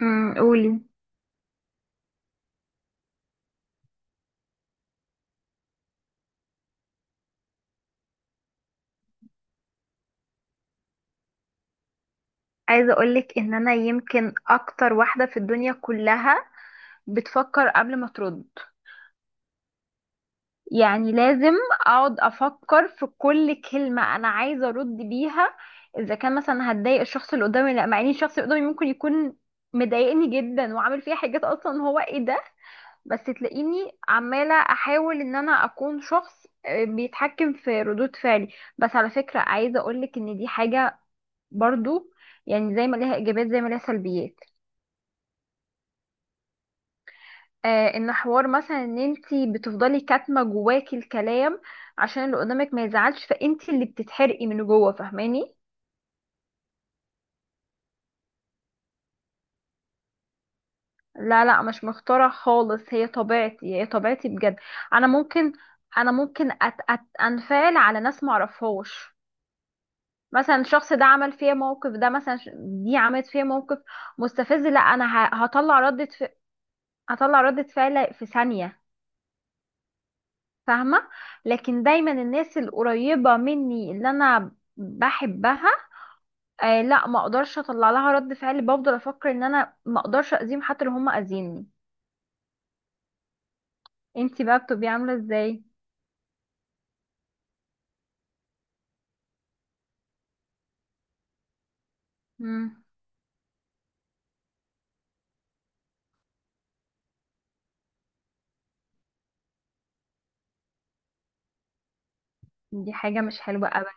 قولي. عايزه اقولك ان انا يمكن اكتر واحده في الدنيا كلها بتفكر قبل ما ترد، يعني لازم اقعد افكر في كل كلمه انا عايزه ارد بيها، اذا كان مثلا هتضايق الشخص اللي قدامي ولا لا، مع ان الشخص اللي قدامي ممكن يكون مضايقني جدا وعامل فيها حاجات اصلا. هو ايه ده؟ بس تلاقيني عماله احاول ان انا اكون شخص بيتحكم في ردود فعلي. بس على فكره عايزه اقولك ان دي حاجه برضو، يعني زي ما ليها ايجابيات زي ما ليها سلبيات. ان حوار مثلا ان انتي بتفضلي كاتمه جواكي الكلام عشان اللي قدامك ما يزعلش، فانتي اللي بتتحرقي من جوه، فاهماني؟ لا لا، مش مختاره خالص، هي طبيعتي هي طبيعتي بجد. انا ممكن انا ممكن أت أت انفعل على ناس ما اعرفهاش، مثلا الشخص ده عمل فيا موقف، ده مثلا دي عملت فيا موقف مستفز، لا انا هطلع ردة فعل في ثانية، فاهمة؟ لكن دايما الناس القريبة مني اللي انا بحبها، لا، ما اقدرش اطلع لها رد فعل، بفضل افكر ان انا ما اقدرش اذيهم حتى لو هم اذيني. انتي بقى بتبقي عامله ازاي؟ امم. دي حاجه مش حلوه ابدا.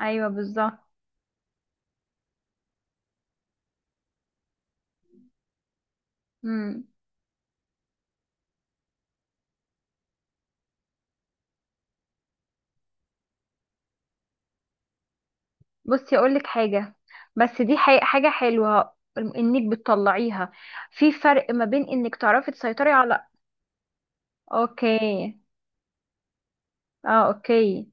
ايوه بالظبط. امم. بصي اقول لك حاجه، بس دي حاجه حلوه انك بتطلعيها. في فرق ما بين انك تعرفي تسيطري على... اوكي. اه، اوكي.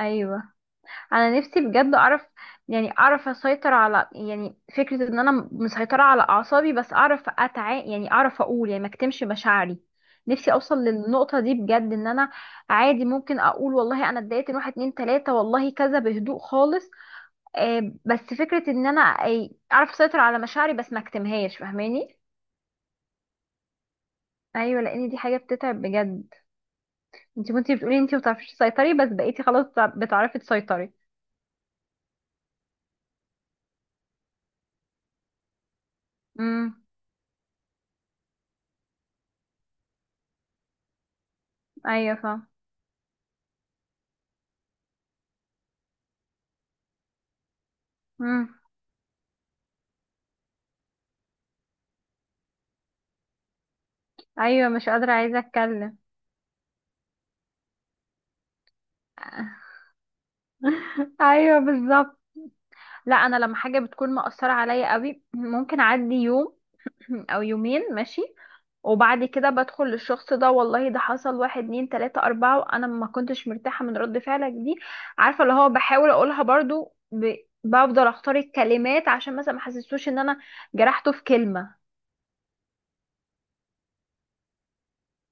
ايوه. انا نفسي بجد اعرف، يعني اعرف اسيطر على، يعني فكرة ان انا مسيطرة على اعصابي، بس اعرف يعني اعرف اقول، يعني ما اكتمش مشاعري. نفسي اوصل للنقطة دي بجد، ان انا عادي ممكن اقول والله انا اتضايقت من واحد اتنين تلاتة والله كذا بهدوء خالص. بس فكرة ان انا اعرف اسيطر على مشاعري بس ما اكتمهاش، فاهماني؟ ايوه، لان دي حاجة بتتعب بجد. انت كنتي بتقولي انت ما بتعرفيش تسيطري، بس بقيتي خلاص بتعرفي تسيطري. امم. ايوه، فاهم. ايوه، مش قادره عايزه اتكلم. ايوه بالظبط. لا، انا لما حاجه بتكون مأثره عليا قوي ممكن اعدي يوم او يومين ماشي، وبعد كده بدخل للشخص ده والله ده حصل واحد اتنين تلاتة أربعة وأنا ما كنتش مرتاحة من رد فعلك دي، عارفة؟ اللي هو بحاول أقولها برضو، بفضل أختار الكلمات عشان مثلا ما حسسوش إن أنا جرحته في كلمة.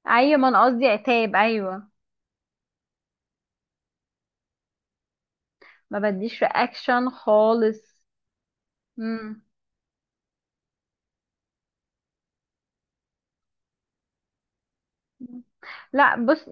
أيوة، ما أنا قصدي عتاب، أيوة. ما بديش رياكشن خالص. مم. لا بص،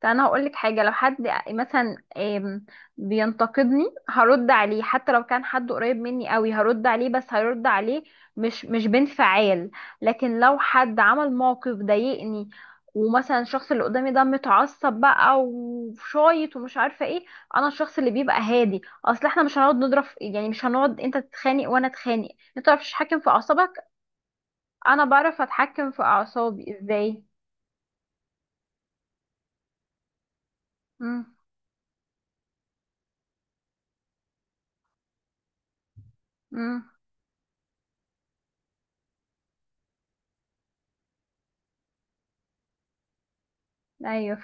طب انا هقول لك حاجه، لو حد مثلا بينتقدني هرد عليه، حتى لو كان حد قريب مني قوي هرد عليه، بس هرد عليه مش بانفعال. لكن لو حد عمل موقف ضايقني، ومثلا الشخص اللي قدامي ده متعصب بقى وشايط ومش عارفه ايه، انا الشخص اللي بيبقى هادي، اصل احنا مش هنقعد نضرب يعني مش هنقعد انت تتخانق وانا اتخانق. انت متعرفش تتحكم في اعصابك، انا بعرف اتحكم في اعصابي ازاي. امم امم. ايوه،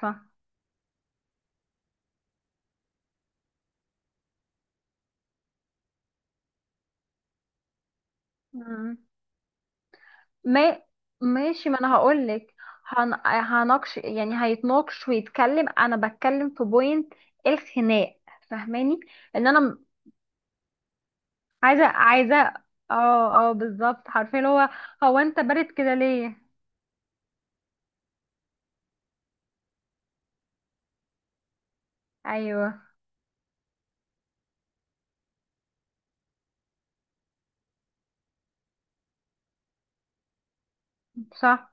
فاهم. ما ماشي، ما انا هقول لك، هنقش، يعني هيتناقش ويتكلم، انا بتكلم في بوينت الخناق، فاهماني؟ ان انا عايزه. اه اه بالظبط، عارفين هو، هو انت بارد كده ليه؟ ايوه صح.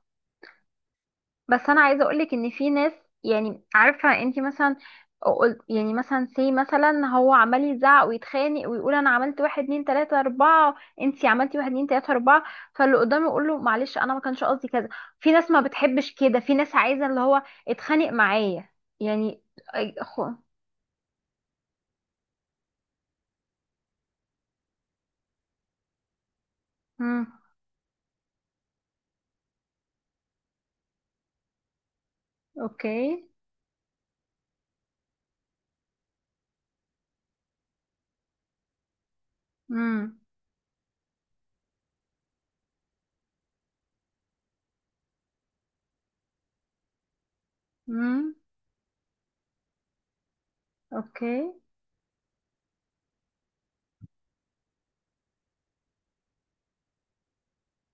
بس انا عايزه اقولك ان في ناس، يعني عارفه انت مثلا قلت يعني مثلا سي مثلا، هو عمال يزعق ويتخانق ويقول انا عملت واحد اتنين تلاته اربعه، انت عملتي واحد اتنين تلاته اربعه، فاللي قدامه يقول له معلش انا ما كانش قصدي كذا. في ناس ما بتحبش كده، في ناس عايزه اللي هو اتخانق معايا يعني. أي- خو امم، اوكي، امم، امم، اوكي،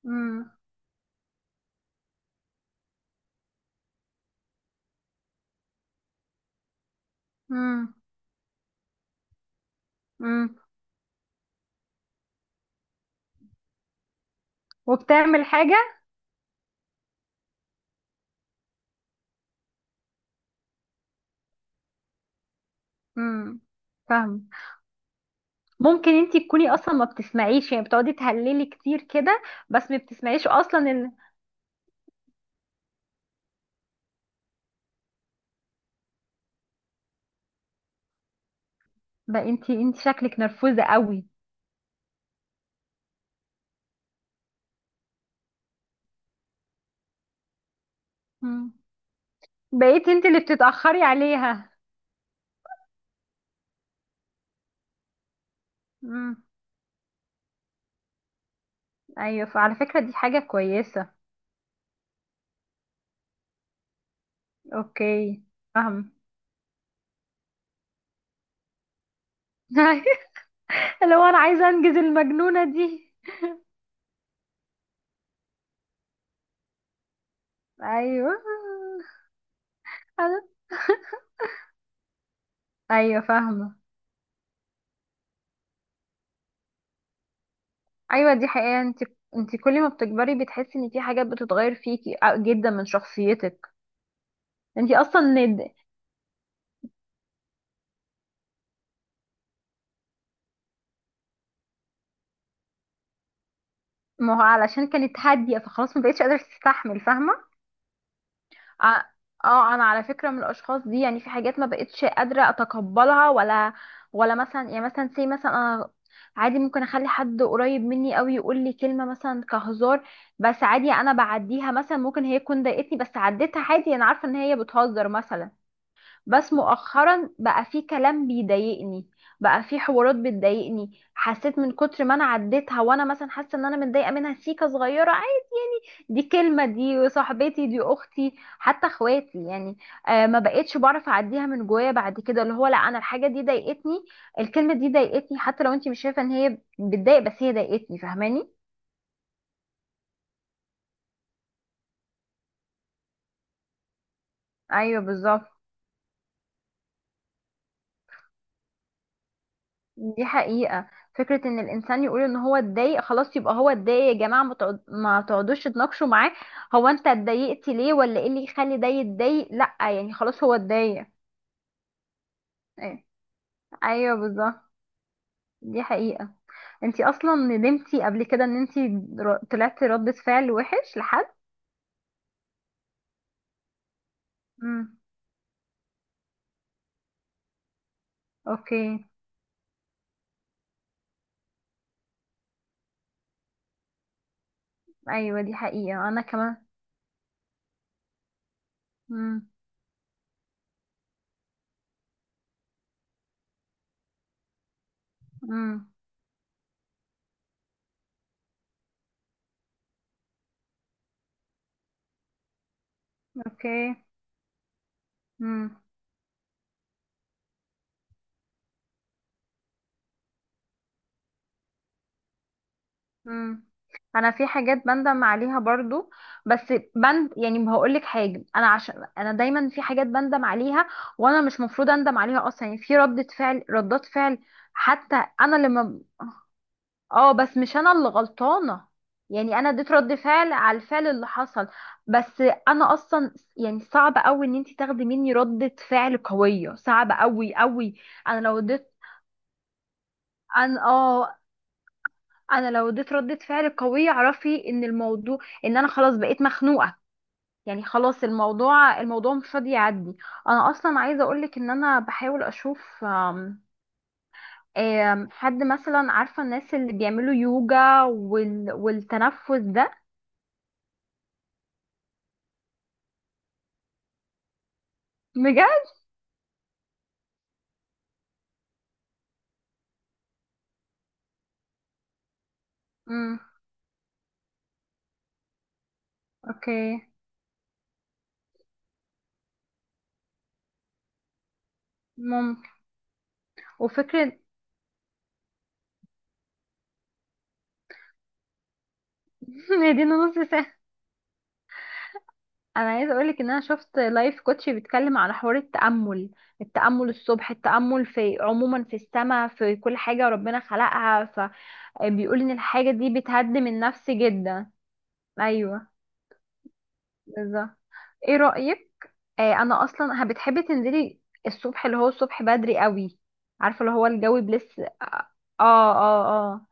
امم، امم، امم. وبتعمل حاجه؟ امم، فاهم. ممكن انتي تكوني اصلا ما بتسمعيش، يعني بتقعدي تهللي كتير كده بس ما بتسمعيش اصلا ان... بقى انتي شكلك نرفوزة قوي. مم. بقيت انتي اللي بتتأخري عليها. مم. ايوه، فعلى فكرة دي حاجة كويسة. اوكي، فاهم. لو انا عايزة انجز المجنونة دي. ايوه انا. ايوه، فاهمة. ايوه دي حقيقة، انتي كل ما بتكبري بتحسي ان في حاجات بتتغير فيكي، جدا من شخصيتك. انتي اصلا... ما هو علشان كانت هادية فخلاص ما بقتش قادرة تستحمل، فاهمة؟ ع- اه، انا على فكرة من الاشخاص دي، يعني في حاجات ما بقتش قادرة اتقبلها، ولا مثلا، يعني مثلا سي مثلا انا عادي ممكن اخلي حد قريب مني قوي يقول لي كلمة مثلا كهزار، بس عادي انا بعديها، مثلا ممكن هي تكون ضايقتني بس عديتها عادي، انا عارفة ان هي بتهزر مثلا. بس مؤخرا بقى في كلام بيضايقني، بقى في حوارات بتضايقني، حسيت من كتر ما انا عديتها وانا مثلا حاسه ان انا متضايقه منها سيكه صغيره، دي كلمة دي صاحبتي دي أختي حتى اخواتي يعني. ما بقتش بعرف أعديها من جوايا بعد كده، اللي هو لا، أنا الحاجة دي ضايقتني، الكلمة دي ضايقتني، حتى لو أنت مش شايفة إن هي بتضايق بس هي ضايقتني، فاهماني؟ أيوه بالظبط، دي حقيقة. فكرة إن الإنسان يقول إن هو اتضايق خلاص يبقى هو اتضايق يا جماعة، ما تقعدوش تناقشوا معاه، هو أنت اتضايقت ليه ولا إيه اللي يخلي ده يتضايق؟ لأ، يعني خلاص هو اتضايق. أيوه، أيوة بالظبط، دي حقيقة. انتي اصلا ندمتي قبل كده ان انتي طلعتي ردة فعل وحش لحد؟ امم، اوكي. ايوه دي حقيقة، انا كمان. امم، امم، اوكي، امم، امم. انا في حاجات بندم عليها برضو، بس يعني هقول لك حاجه، انا عشان انا دايما في حاجات بندم عليها وانا مش مفروض اندم عليها اصلا، يعني في ردة فعل ردات فعل، حتى انا لما... اه، بس مش انا اللي غلطانه، يعني انا اديت رد فعل على الفعل اللي حصل، بس انا اصلا يعني صعب قوي ان انت تاخدي مني ردة فعل قويه، صعب قوي قوي. انا لو اديت... انا اه. انا لو اديت ردة فعل قويه اعرفي ان الموضوع، ان انا خلاص بقيت مخنوقه، يعني خلاص الموضوع مش راضي يعدي. انا اصلا عايزه اقولك ان انا بحاول اشوف آم، آم، حد مثلا، عارفه الناس اللي بيعملوا يوجا والتنفس ده. بجد. امم، اوكي، ممكن. وفكرة. هي دي نص ساعة. انا عايزة اقولك ان انا شفت لايف كوتش بيتكلم على حوار التأمل، التأمل الصبح، التأمل في عموما، في السماء، في كل حاجة ربنا خلقها، فبيقول ان الحاجة دي بتهدم النفس جدا. ايوه بالظبط. ايه رأيك؟ انا اصلا بتحبي تنزلي الصبح، اللي هو الصبح بدري قوي، عارفة اللي هو الجو بلس. اه اه اه.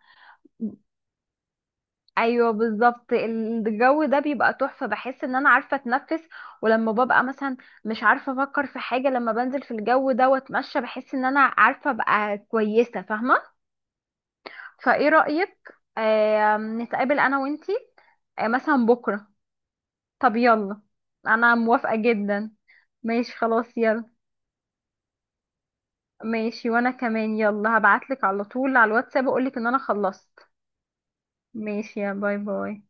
ايوه بالظبط، الجو ده بيبقى تحفه، بحس ان انا عارفه اتنفس، ولما ببقى مثلا مش عارفه افكر في حاجه لما بنزل في الجو ده واتمشى بحس ان انا عارفه ابقى كويسه، فاهمه؟ فايه رايك نتقابل انا وانتي مثلا بكره؟ طب يلا، انا موافقه جدا. ماشي خلاص يلا. ماشي، وانا كمان يلا هبعتلك على طول على الواتساب اقولك ان انا خلصت. ماشي، يا باي باي.